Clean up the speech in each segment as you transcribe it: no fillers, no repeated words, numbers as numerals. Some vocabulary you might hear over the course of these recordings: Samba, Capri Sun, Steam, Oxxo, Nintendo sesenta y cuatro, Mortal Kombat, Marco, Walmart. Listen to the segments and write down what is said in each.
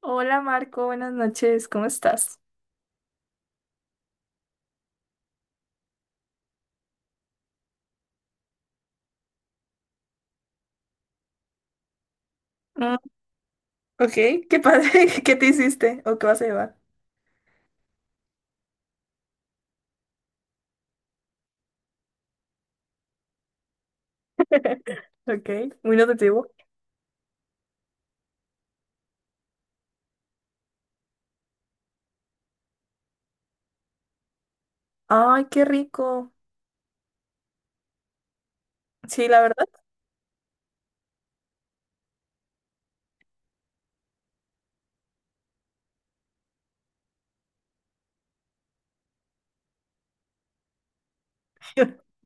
Hola, Marco, buenas noches, ¿cómo estás? Mm, ok, qué padre, ¿qué te hiciste o qué vas a llevar? Ok, muy nutritivo. Ay, qué rico. Sí, la verdad.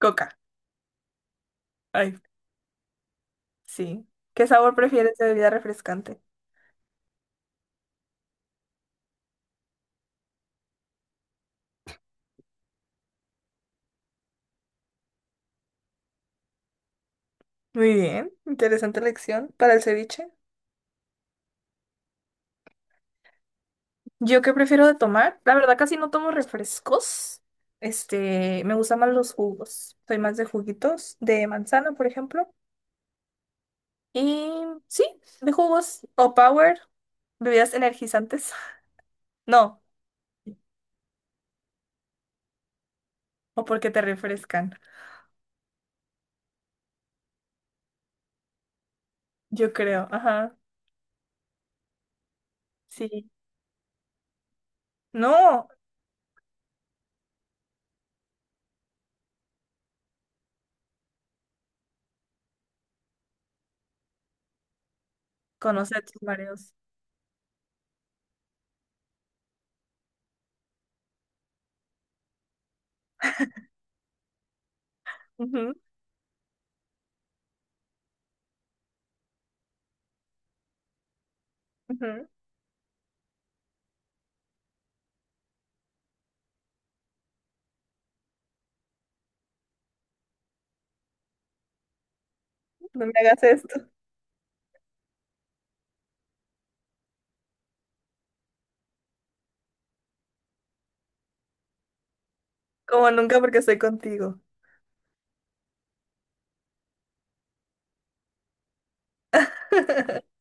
Coca. Ay, sí. ¿Qué sabor prefieres de bebida refrescante? Muy bien, interesante elección para el ceviche. ¿Yo qué prefiero de tomar? La verdad casi no tomo refrescos. Este, me gustan más los jugos. Soy más de juguitos, de manzana, por ejemplo. Y sí, de jugos o power. ¿Bebidas energizantes? No, o porque te refrescan, yo creo, ajá, sí. No, conoce a tus mareos. Ujú, ujú. No me hagas esto. Como nunca porque estoy contigo.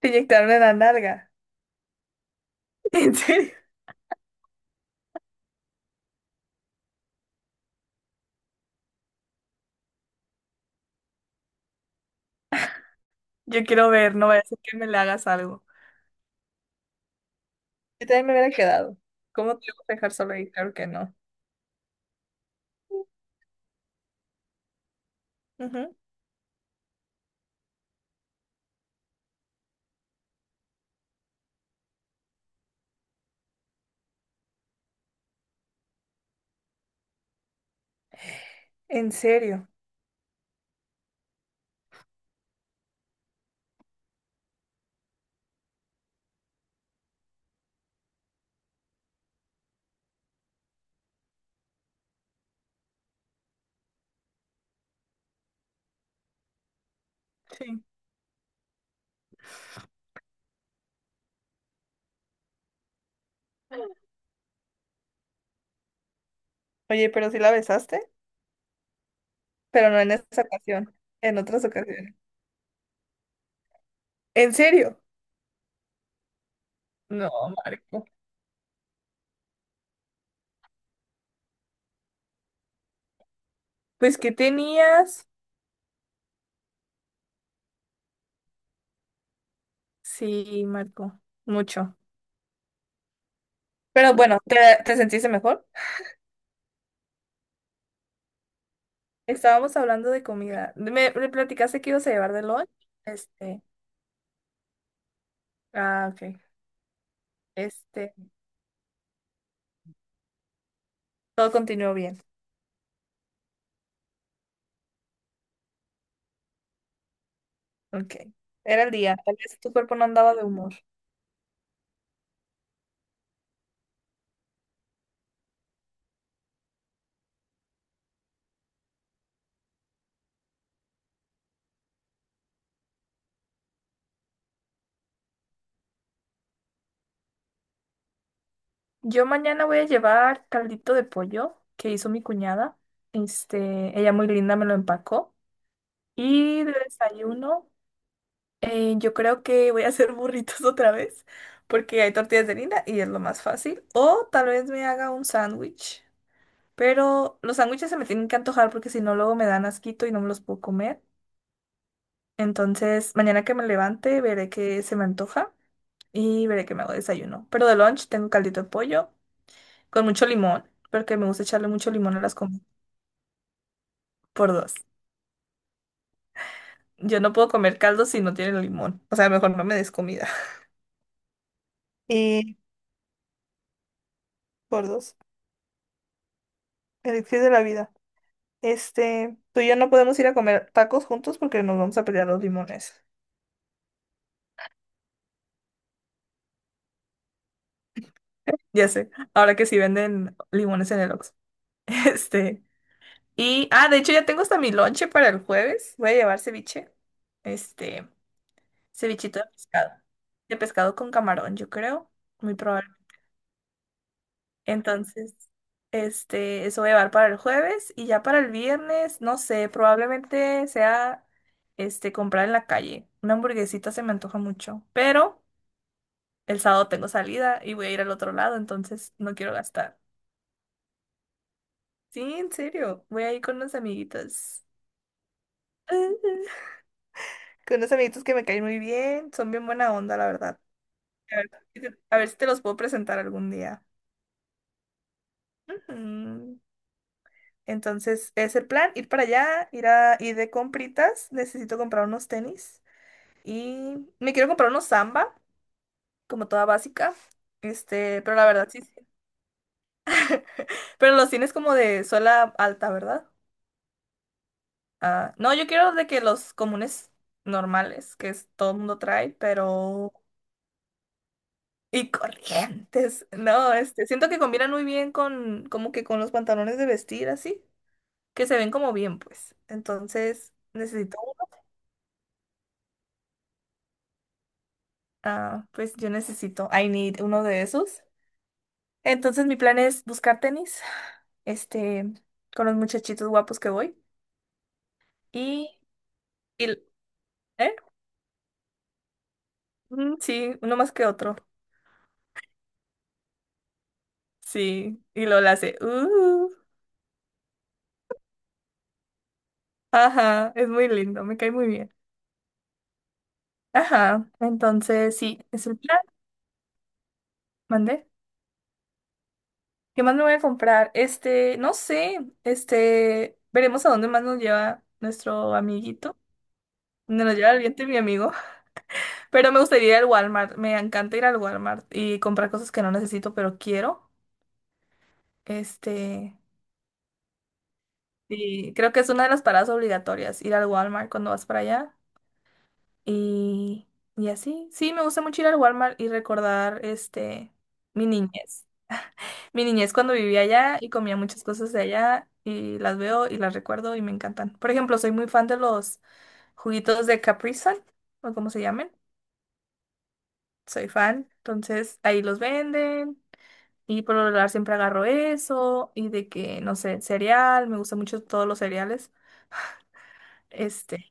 Te inyectaron en la nalga. ¿En serio? Yo quiero ver, no vaya a ser que me le hagas algo. Yo también me hubiera quedado. ¿Cómo te iba a dejar solo ahí? Claro que no. Ujú. ¿En serio? Sí. Oye, pero sí la besaste, pero no en esa ocasión, en otras ocasiones. ¿En serio? No, Marco. Pues que tenías, sí, Marco, mucho. Pero bueno, ¿te sentiste mejor? Estábamos hablando de comida. Me platicaste que ibas a llevar de lunch. Este, ah, ok. Este, todo continuó bien. Ok. Era el día. Tal vez tu cuerpo no andaba de humor. Yo mañana voy a llevar caldito de pollo que hizo mi cuñada. Este, ella muy linda me lo empacó. Y de desayuno. Yo creo que voy a hacer burritos otra vez, porque hay tortillas de harina y es lo más fácil. O tal vez me haga un sándwich, pero los sándwiches se me tienen que antojar porque si no luego me dan asquito y no me los puedo comer. Entonces, mañana que me levante veré que se me antoja y veré que me hago desayuno. Pero de lunch tengo caldito de pollo con mucho limón, porque me gusta echarle mucho limón a las comidas por dos. Yo no puedo comer caldo si no tiene limón. O sea, mejor no me des comida. Y por dos, elixir de la vida. Este, tú y yo no podemos ir a comer tacos juntos porque nos vamos a pelear los limones. Ya sé, ahora que sí venden limones en el Oxxo. Este, y, de hecho ya tengo hasta mi lonche para el jueves. Voy a llevar ceviche, este, cevichito de pescado con camarón, yo creo, muy probable. Entonces, este, eso voy a llevar para el jueves y ya para el viernes, no sé, probablemente sea, este, comprar en la calle. Una hamburguesita se me antoja mucho, pero el sábado tengo salida y voy a ir al otro lado, entonces no quiero gastar. Sí, en serio, voy a ir con unos amiguitos. Con unos amiguitos que me caen muy bien, son bien buena onda, la verdad. A ver, si te a ver si te los puedo presentar algún día. Ujú. Entonces, es el plan, ir para allá, ir de compritas, necesito comprar unos tenis y me quiero comprar unos Samba, como toda básica. Este, pero la verdad sí, sí. Pero los tienes como de suela alta, ¿verdad? Ah, no, yo quiero de que los comunes normales, todo el mundo trae, pero y corrientes. No, este, siento que combinan muy bien con, como que con los pantalones de vestir, así, que se ven como bien, pues. Entonces, necesito, pues yo necesito, I need uno de esos. Entonces, mi plan es buscar tenis, este, con los muchachitos guapos que voy. Y, y- ¿eh? Mm, sí, uno más que otro. Sí, y lo hace. Ajá, es muy lindo, me cae muy bien. Ajá, entonces sí, es el plan, mandé. ¿Qué más me voy a comprar? Este, no sé, este, veremos a dónde más nos lleva nuestro amiguito. Donde nos lleva el viento y mi amigo. Pero me gustaría ir al Walmart, me encanta ir al Walmart y comprar cosas que no necesito, pero quiero. Este, y creo que es una de las paradas obligatorias, ir al Walmart cuando vas para allá. Y, y así, sí, me gusta mucho ir al Walmart y recordar, este, mi niñez. Mi niñez cuando vivía allá y comía muchas cosas de allá y las veo y las recuerdo y me encantan. Por ejemplo, soy muy fan de los juguitos de Capri Sun o como se llamen. Soy fan, entonces ahí los venden y por lo regular siempre agarro eso y de que, no sé, cereal, me gustan mucho todos los cereales. Este,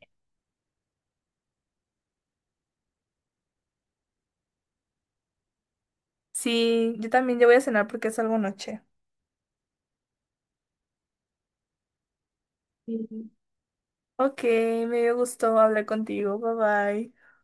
sí, yo también ya voy a cenar porque es algo noche. Sí. Ok, me gustó hablar contigo. Bye bye.